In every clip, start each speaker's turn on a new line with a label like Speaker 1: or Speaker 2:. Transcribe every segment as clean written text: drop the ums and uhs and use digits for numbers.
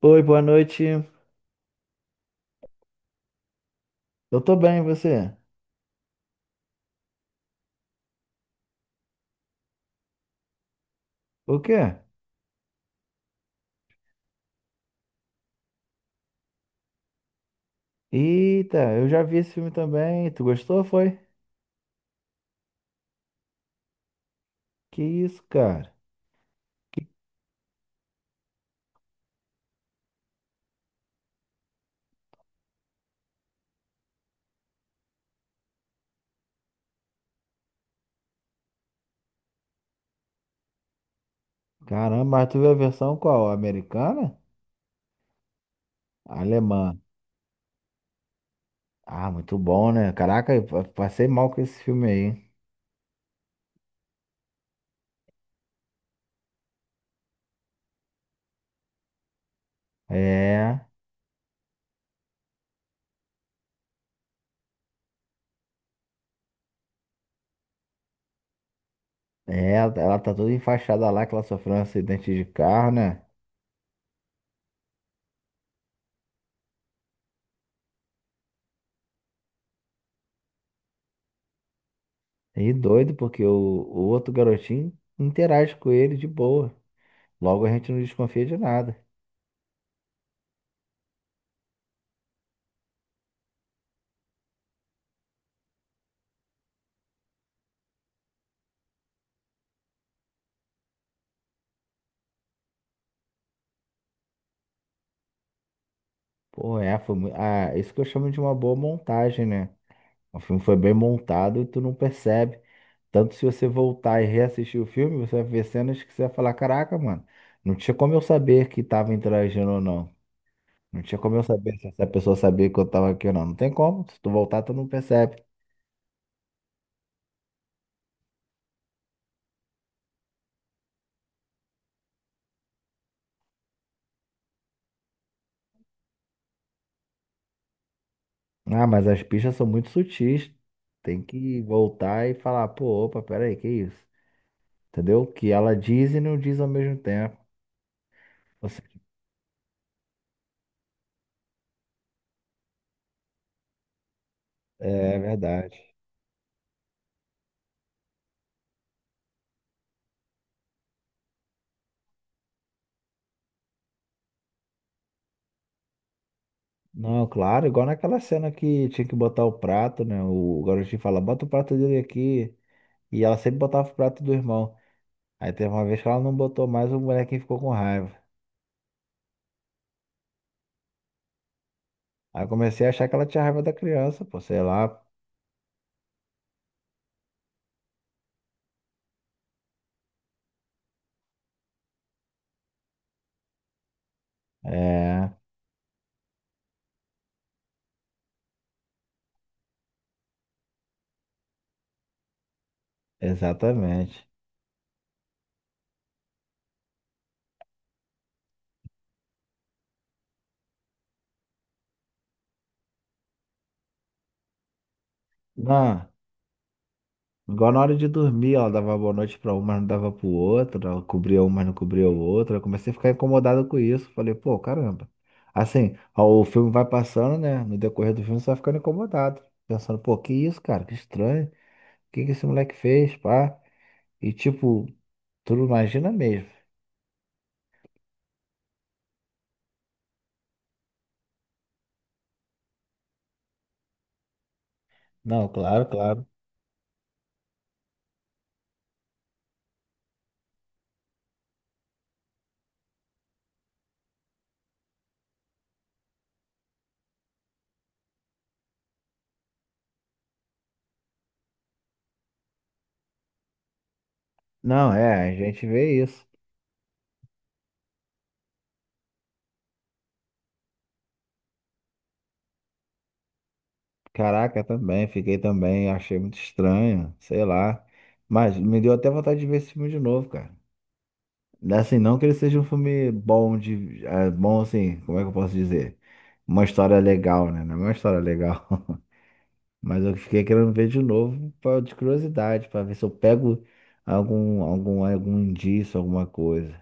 Speaker 1: Oi, boa noite. Eu tô bem, e você? O quê? Eita, eu já vi esse filme também. Tu gostou, foi? Que isso, cara? Caramba, mas tu viu a versão qual? Americana? Alemã. Ah, muito bom, né? Caraca, eu passei mal com esse filme aí. É, é, ela tá toda enfaixada lá, que ela sofreu um acidente de carro, né? E doido, porque o outro garotinho interage com ele de boa. Logo a gente não desconfia de nada. Pô, é, foi isso que eu chamo de uma boa montagem, né? O filme foi bem montado e tu não percebe. Tanto se você voltar e reassistir o filme, você vai ver cenas que você vai falar, caraca, mano, não tinha como eu saber que tava interagindo ou não. Não tinha como eu saber se essa pessoa sabia que eu tava aqui ou não. Não tem como, se tu voltar, tu não percebe. Ah, mas as pistas são muito sutis. Tem que voltar e falar, pô, opa, peraí, que isso? Entendeu? Que ela diz e não diz ao mesmo tempo. Ou seja, é verdade. Não, claro, igual naquela cena que tinha que botar o prato, né? O garotinho fala, bota o prato dele aqui. E ela sempre botava o prato do irmão. Aí teve uma vez que ela não botou mais, o molequinho ficou com raiva. Aí eu comecei a achar que ela tinha raiva da criança, pô, sei lá. É, exatamente. Não. Igual na hora de dormir, ela dava boa noite pra uma, mas não dava pro outro, ela cobria uma, mas não cobria o outro. Eu comecei a ficar incomodado com isso. Falei, pô, caramba. Assim, ó, o filme vai passando, né? No decorrer do filme, você vai ficando incomodado. Pensando, pô, que isso, cara? Que estranho. O que que esse moleque fez, pá? E tipo, tu não imagina mesmo. Não, claro, claro. Não, é, a gente vê isso. Caraca, também, fiquei também, achei muito estranho, sei lá. Mas me deu até vontade de ver esse filme de novo, cara. Assim, não que ele seja um filme bom de. Bom assim, como é que eu posso dizer? Uma história legal, né? Não é uma história legal. Mas eu fiquei querendo ver de novo pra, de curiosidade, pra ver se eu pego algum indício, alguma coisa.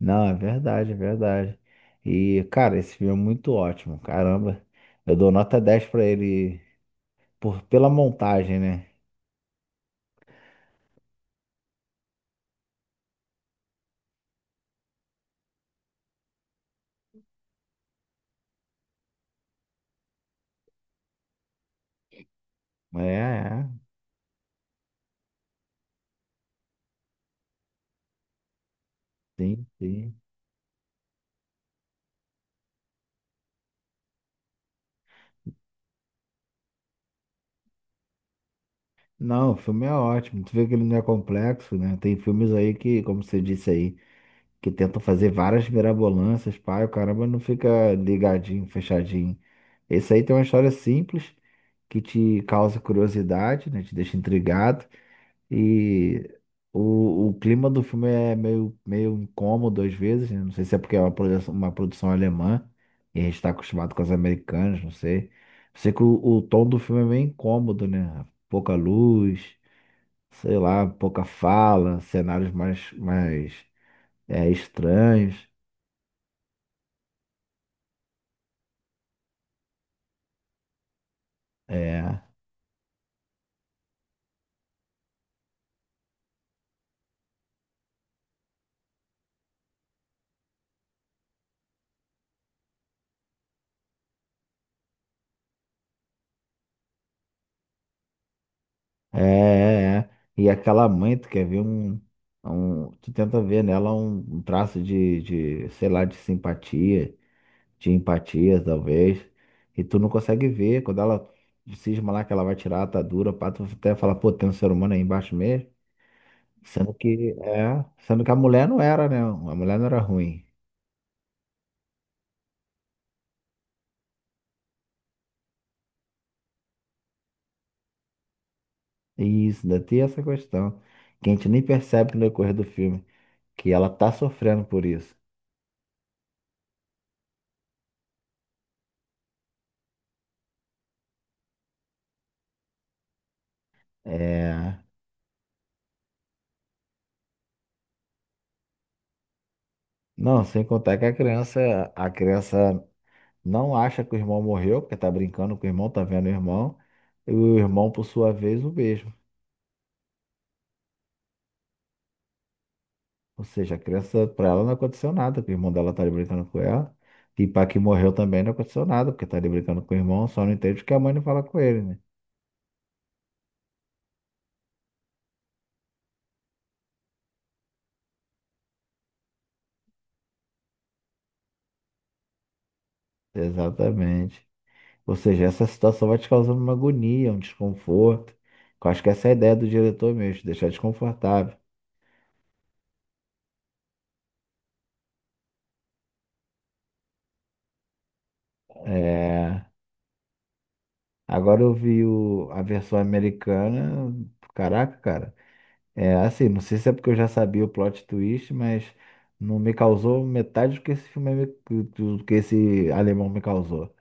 Speaker 1: Não, é verdade, é verdade. E, cara, esse filme é muito ótimo. Caramba, eu dou nota 10 pra ele por, pela montagem, né? É, é, sim, sim. Não, o filme é ótimo. Tu vê que ele não é complexo, né? Tem filmes aí que, como você disse aí, que tentam fazer várias mirabolâncias, pai, o caramba não fica ligadinho, fechadinho. Esse aí tem uma história simples que te causa curiosidade, né? Te deixa intrigado. E o clima do filme é meio incômodo às vezes, né? Não sei se é porque é uma produção alemã e a gente está acostumado com as americanas, não sei. Sei que o tom do filme é meio incômodo, né? Pouca luz sei lá, pouca fala, cenários mais estranhos. É, é. E aquela mãe, tu quer ver tu tenta ver nela um traço de sei lá, de simpatia, de empatia, talvez. E tu não consegue ver, quando ela cisma lá que ela vai tirar a atadura, pá, tu até fala, pô, tem um ser humano aí embaixo mesmo. Sendo que, é, sendo que a mulher não era, né? A mulher não era ruim. Isso, ainda tem essa questão, que a gente nem percebe no decorrer do filme, que ela tá sofrendo por isso. É... Não, sem contar que a criança não acha que o irmão morreu, porque tá brincando com o irmão, tá vendo o irmão, e o irmão, por sua vez, o mesmo. Ou seja, a criança, pra ela não aconteceu nada, porque o irmão dela tá ali brincando com ela, e pra que morreu também não aconteceu nada, porque tá ali brincando com o irmão, só não entende que a mãe não fala com ele, né? Exatamente. Ou seja, essa situação vai te causando uma agonia, um desconforto. Eu acho que essa é a ideia do diretor mesmo, te deixar desconfortável. É, agora eu vi a versão americana, caraca, cara. É assim, não sei se é porque eu já sabia o plot twist, mas não me causou metade do que esse filme, do que esse alemão me causou.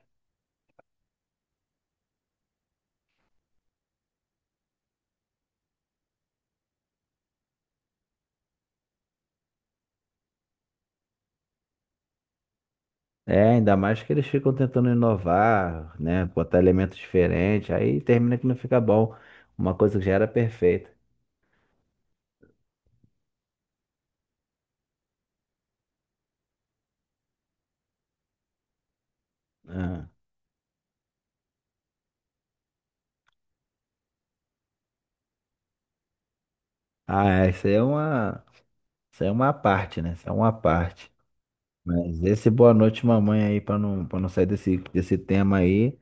Speaker 1: É, ainda mais que eles ficam tentando inovar, né? Botar elementos diferentes, aí termina que não fica bom. Uma coisa que já era perfeita. Ah, é, isso aí é uma parte, né? Isso é uma parte. Mas esse boa noite, mamãe, aí, pra não sair desse tema aí,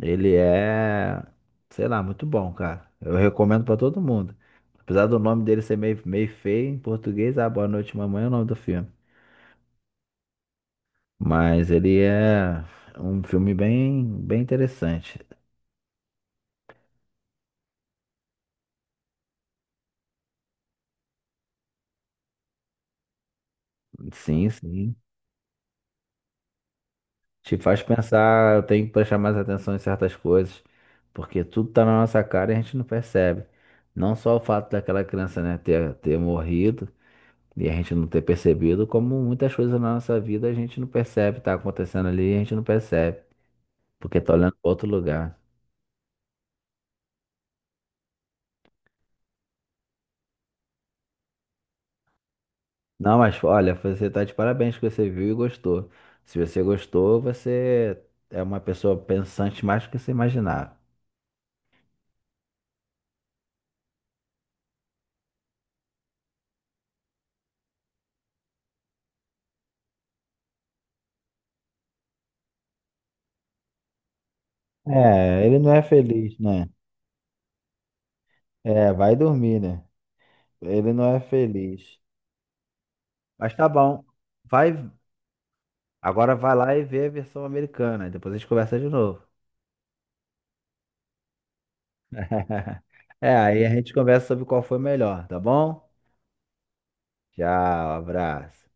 Speaker 1: ele é, sei lá, muito bom, cara. Eu recomendo pra todo mundo. Apesar do nome dele ser meio feio em português, Boa Noite, Mamãe é o nome do filme. Mas ele é um filme bem interessante. Sim, sim. Te faz pensar, eu tenho que prestar mais atenção em certas coisas, porque tudo tá na nossa cara e a gente não percebe. Não só o fato daquela criança, né, ter morrido e a gente não ter percebido, como muitas coisas na nossa vida a gente não percebe, tá acontecendo ali e a gente não percebe, porque tá olhando pra outro lugar. Não, mas olha, você tá de parabéns que você viu e gostou. Se você gostou, você é uma pessoa pensante mais do que você imaginava. É, ele não é feliz, né? É, vai dormir, né? Ele não é feliz. Mas tá bom. Vai, agora vai lá e vê a versão americana. Depois a gente conversa de novo. É, aí a gente conversa sobre qual foi melhor, tá bom? Tchau, abraço.